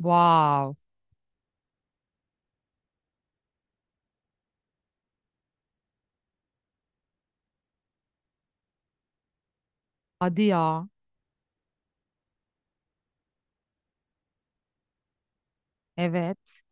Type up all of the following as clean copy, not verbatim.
Wow. Hadi ya. Evet.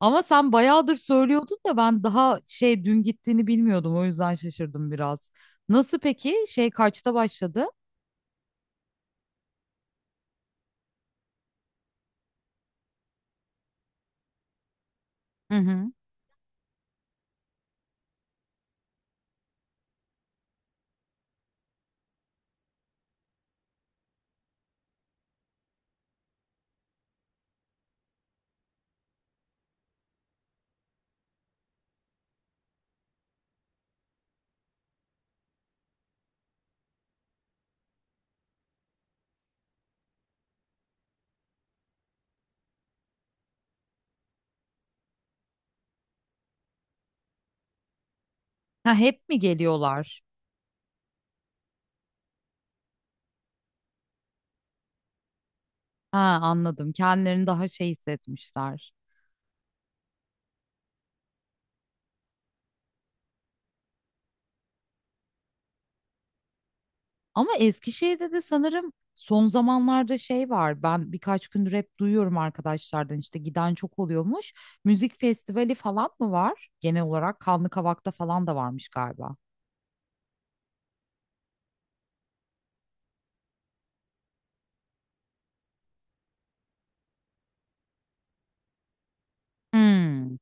Ama sen bayağıdır söylüyordun da ben daha dün gittiğini bilmiyordum. O yüzden şaşırdım biraz. Nasıl peki? Kaçta başladı? Hı hı. Ha, hep mi geliyorlar? Ha, anladım. Kendilerini daha hissetmişler. Ama Eskişehir'de de sanırım son zamanlarda var. Ben birkaç gündür hep duyuyorum arkadaşlardan, işte giden çok oluyormuş. Müzik festivali falan mı var? Genel olarak Kanlı Kavak'ta falan da varmış galiba. Hmm.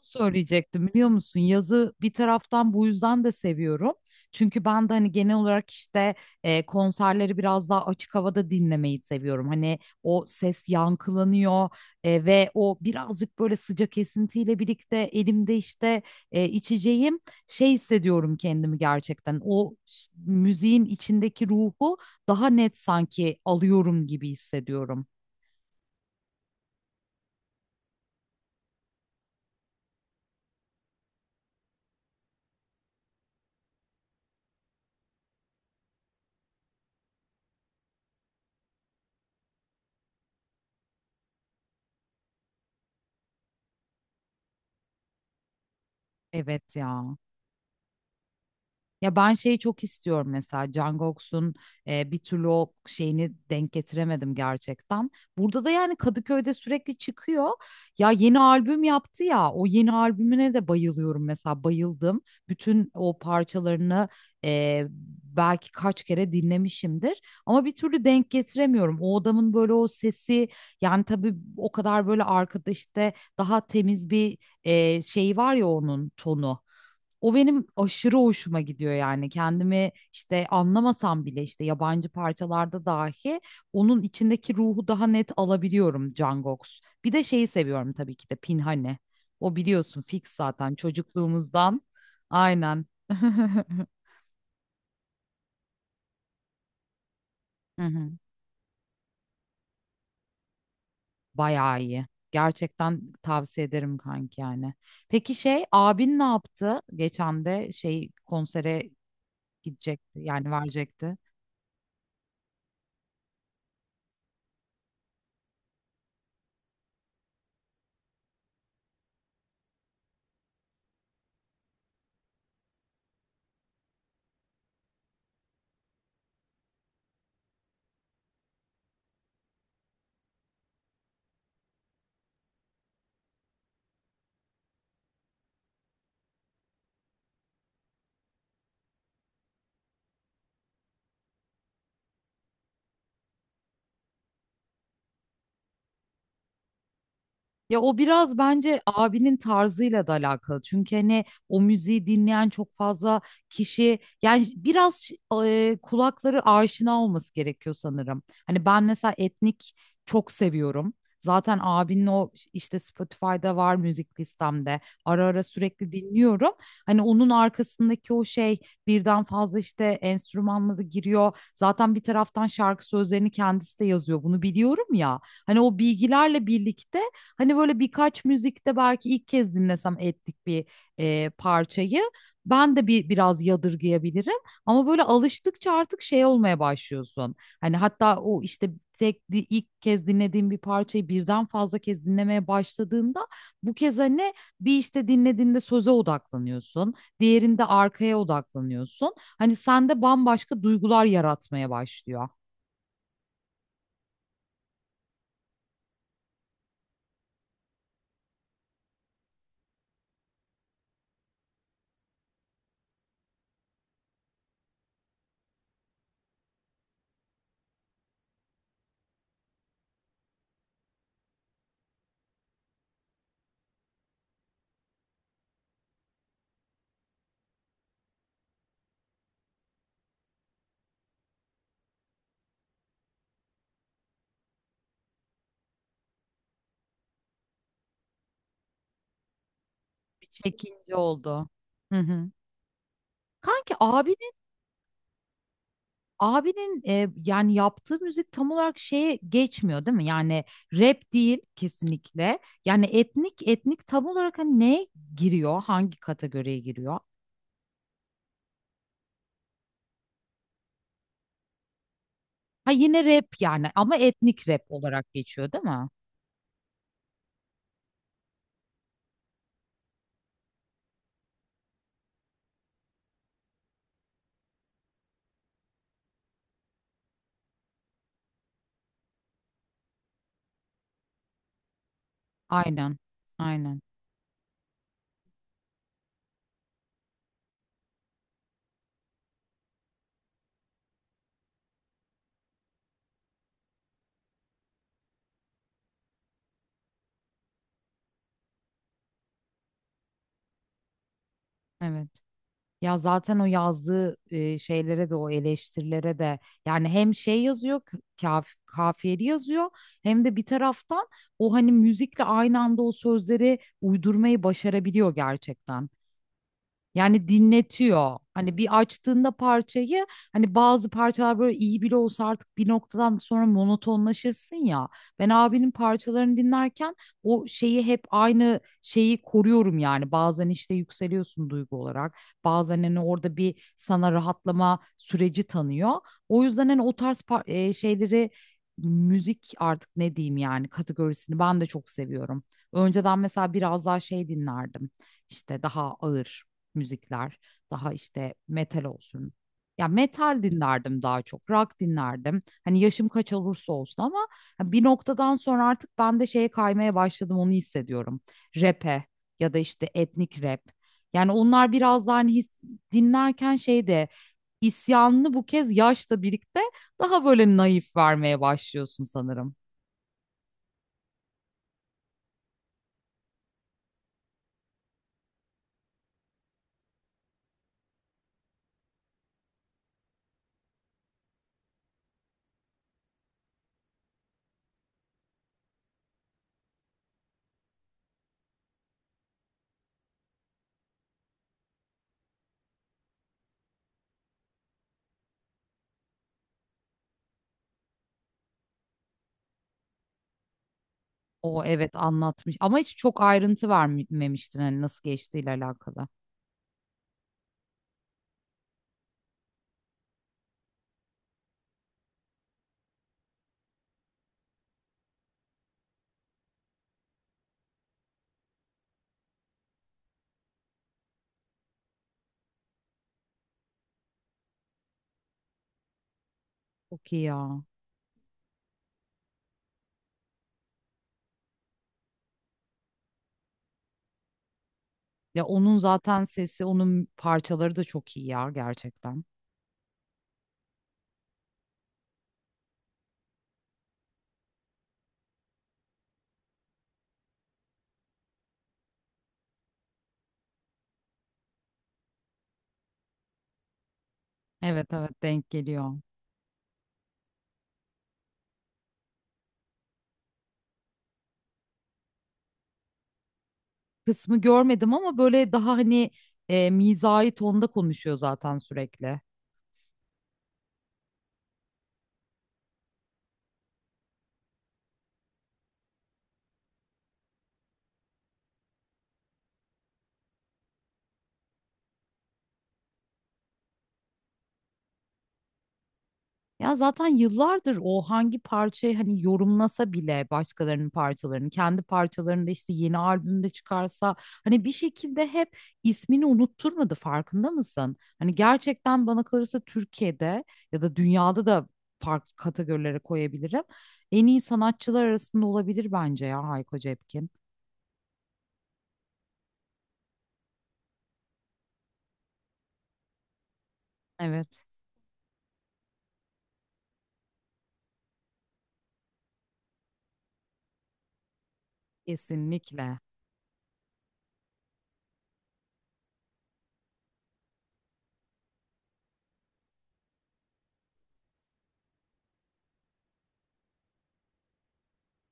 Söyleyecektim, biliyor musun? Yazı bir taraftan bu yüzden de seviyorum. Çünkü ben de hani genel olarak işte konserleri biraz daha açık havada dinlemeyi seviyorum. Hani o ses yankılanıyor ve o birazcık böyle sıcak esintiyle birlikte elimde işte içeceğim, şey hissediyorum kendimi gerçekten. Müziğin içindeki ruhu daha net sanki alıyorum gibi hissediyorum. Evet ya. Ya ben şeyi çok istiyorum, mesela Jungkook'un bir türlü o şeyini denk getiremedim gerçekten. Burada da yani Kadıköy'de sürekli çıkıyor. Ya yeni albüm yaptı ya, o yeni albümüne de bayılıyorum, mesela bayıldım. Bütün o parçalarını e, belki kaç kere dinlemişimdir ama bir türlü denk getiremiyorum. O adamın böyle o sesi, yani tabii o kadar böyle arkada işte daha temiz bir şey var ya, onun tonu. O benim aşırı hoşuma gidiyor yani. Kendimi işte anlamasam bile, işte yabancı parçalarda dahi onun içindeki ruhu daha net alabiliyorum Cangox. Bir de şeyi seviyorum, tabii ki de Pinhane. O biliyorsun fix zaten çocukluğumuzdan. Aynen. Hı hı. Bayağı iyi. Gerçekten tavsiye ederim kanki yani. Peki abin ne yaptı? Geçen de konsere gidecekti, yani verecekti. Ya o biraz bence abinin tarzıyla da alakalı. Çünkü hani o müziği dinleyen çok fazla kişi, yani biraz kulakları aşina olması gerekiyor sanırım. Hani ben mesela etnik çok seviyorum. Zaten abinin o işte Spotify'da var müzik listemde. Ara ara sürekli dinliyorum. Hani onun arkasındaki o şey birden fazla işte enstrümanla da giriyor. Zaten bir taraftan şarkı sözlerini kendisi de yazıyor. Bunu biliyorum ya. Hani o bilgilerle birlikte, hani böyle birkaç müzikte belki ilk kez dinlesem ettik bir parçayı, ben de bir biraz yadırgayabilirim, ama böyle alıştıkça artık şey olmaya başlıyorsun. Hani hatta o işte ilk kez dinlediğim bir parçayı birden fazla kez dinlemeye başladığında, bu kez hani bir işte dinlediğinde söze odaklanıyorsun, diğerinde arkaya odaklanıyorsun. Hani sende bambaşka duygular yaratmaya başlıyor. Bir çekince oldu. Hı hı. Kanki abi, abinin yani yaptığı müzik tam olarak şeye geçmiyor değil mi? Yani rap değil kesinlikle. Yani etnik etnik tam olarak hani neye giriyor? Hangi kategoriye giriyor? Ha yine rap yani, ama etnik rap olarak geçiyor değil mi? Aynen. Aynen. Evet. Ya zaten o yazdığı şeylere de, o eleştirilere de, yani hem şey yazıyor, kaf kafiyeli yazıyor, hem de bir taraftan o hani müzikle aynı anda o sözleri uydurmayı başarabiliyor gerçekten. Yani dinletiyor. Hani bir açtığında parçayı, hani bazı parçalar böyle iyi bile olsa artık bir noktadan sonra monotonlaşırsın ya. Ben abinin parçalarını dinlerken o şeyi hep aynı şeyi koruyorum yani. Bazen işte yükseliyorsun duygu olarak. Bazen hani orada bir sana rahatlama süreci tanıyor. O yüzden hani o tarz şeyleri, müzik, artık ne diyeyim yani, kategorisini ben de çok seviyorum. Önceden mesela biraz daha dinlerdim. İşte daha ağır müzikler, daha işte metal olsun. Ya metal dinlerdim daha çok, rock dinlerdim. Hani yaşım kaç olursa olsun ama hani bir noktadan sonra artık ben de şeye kaymaya başladım, onu hissediyorum. Rap'e ya da işte etnik rap. Yani onlar biraz daha hani his, dinlerken şey de isyanını bu kez yaşla birlikte daha böyle naif vermeye başlıyorsun sanırım. O evet, anlatmış ama hiç çok ayrıntı vermemiştin hani nasıl geçtiğiyle alakalı. Çok iyi ya. Ya onun zaten sesi, onun parçaları da çok iyi ya gerçekten. Evet evet, denk geliyor. Kısmı görmedim ama böyle daha hani mizahi tonda konuşuyor zaten sürekli. Ya zaten yıllardır o hangi parçayı hani yorumlasa bile, başkalarının parçalarını, kendi parçalarını da işte yeni albümde çıkarsa, hani bir şekilde hep ismini unutturmadı, farkında mısın? Hani gerçekten bana kalırsa Türkiye'de ya da dünyada da farklı kategorilere koyabilirim. En iyi sanatçılar arasında olabilir bence ya Hayko Cepkin. Evet, kesinlikle.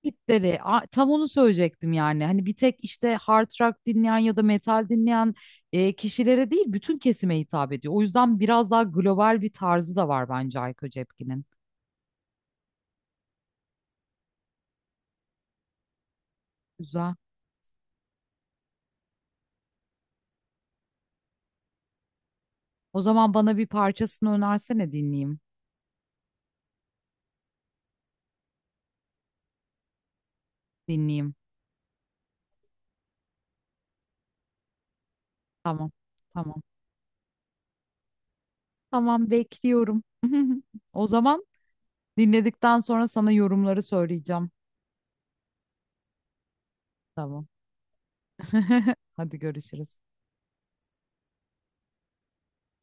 Tam onu söyleyecektim, yani hani bir tek işte hard rock dinleyen ya da metal dinleyen kişilere değil, bütün kesime hitap ediyor. O yüzden biraz daha global bir tarzı da var bence Ayko Cepkin'in. Güzel. O zaman bana bir parçasını önersene, dinleyeyim. Dinleyeyim. Tamam. Tamam. Tamam, bekliyorum. O zaman dinledikten sonra sana yorumları söyleyeceğim. Tamam. Hadi görüşürüz.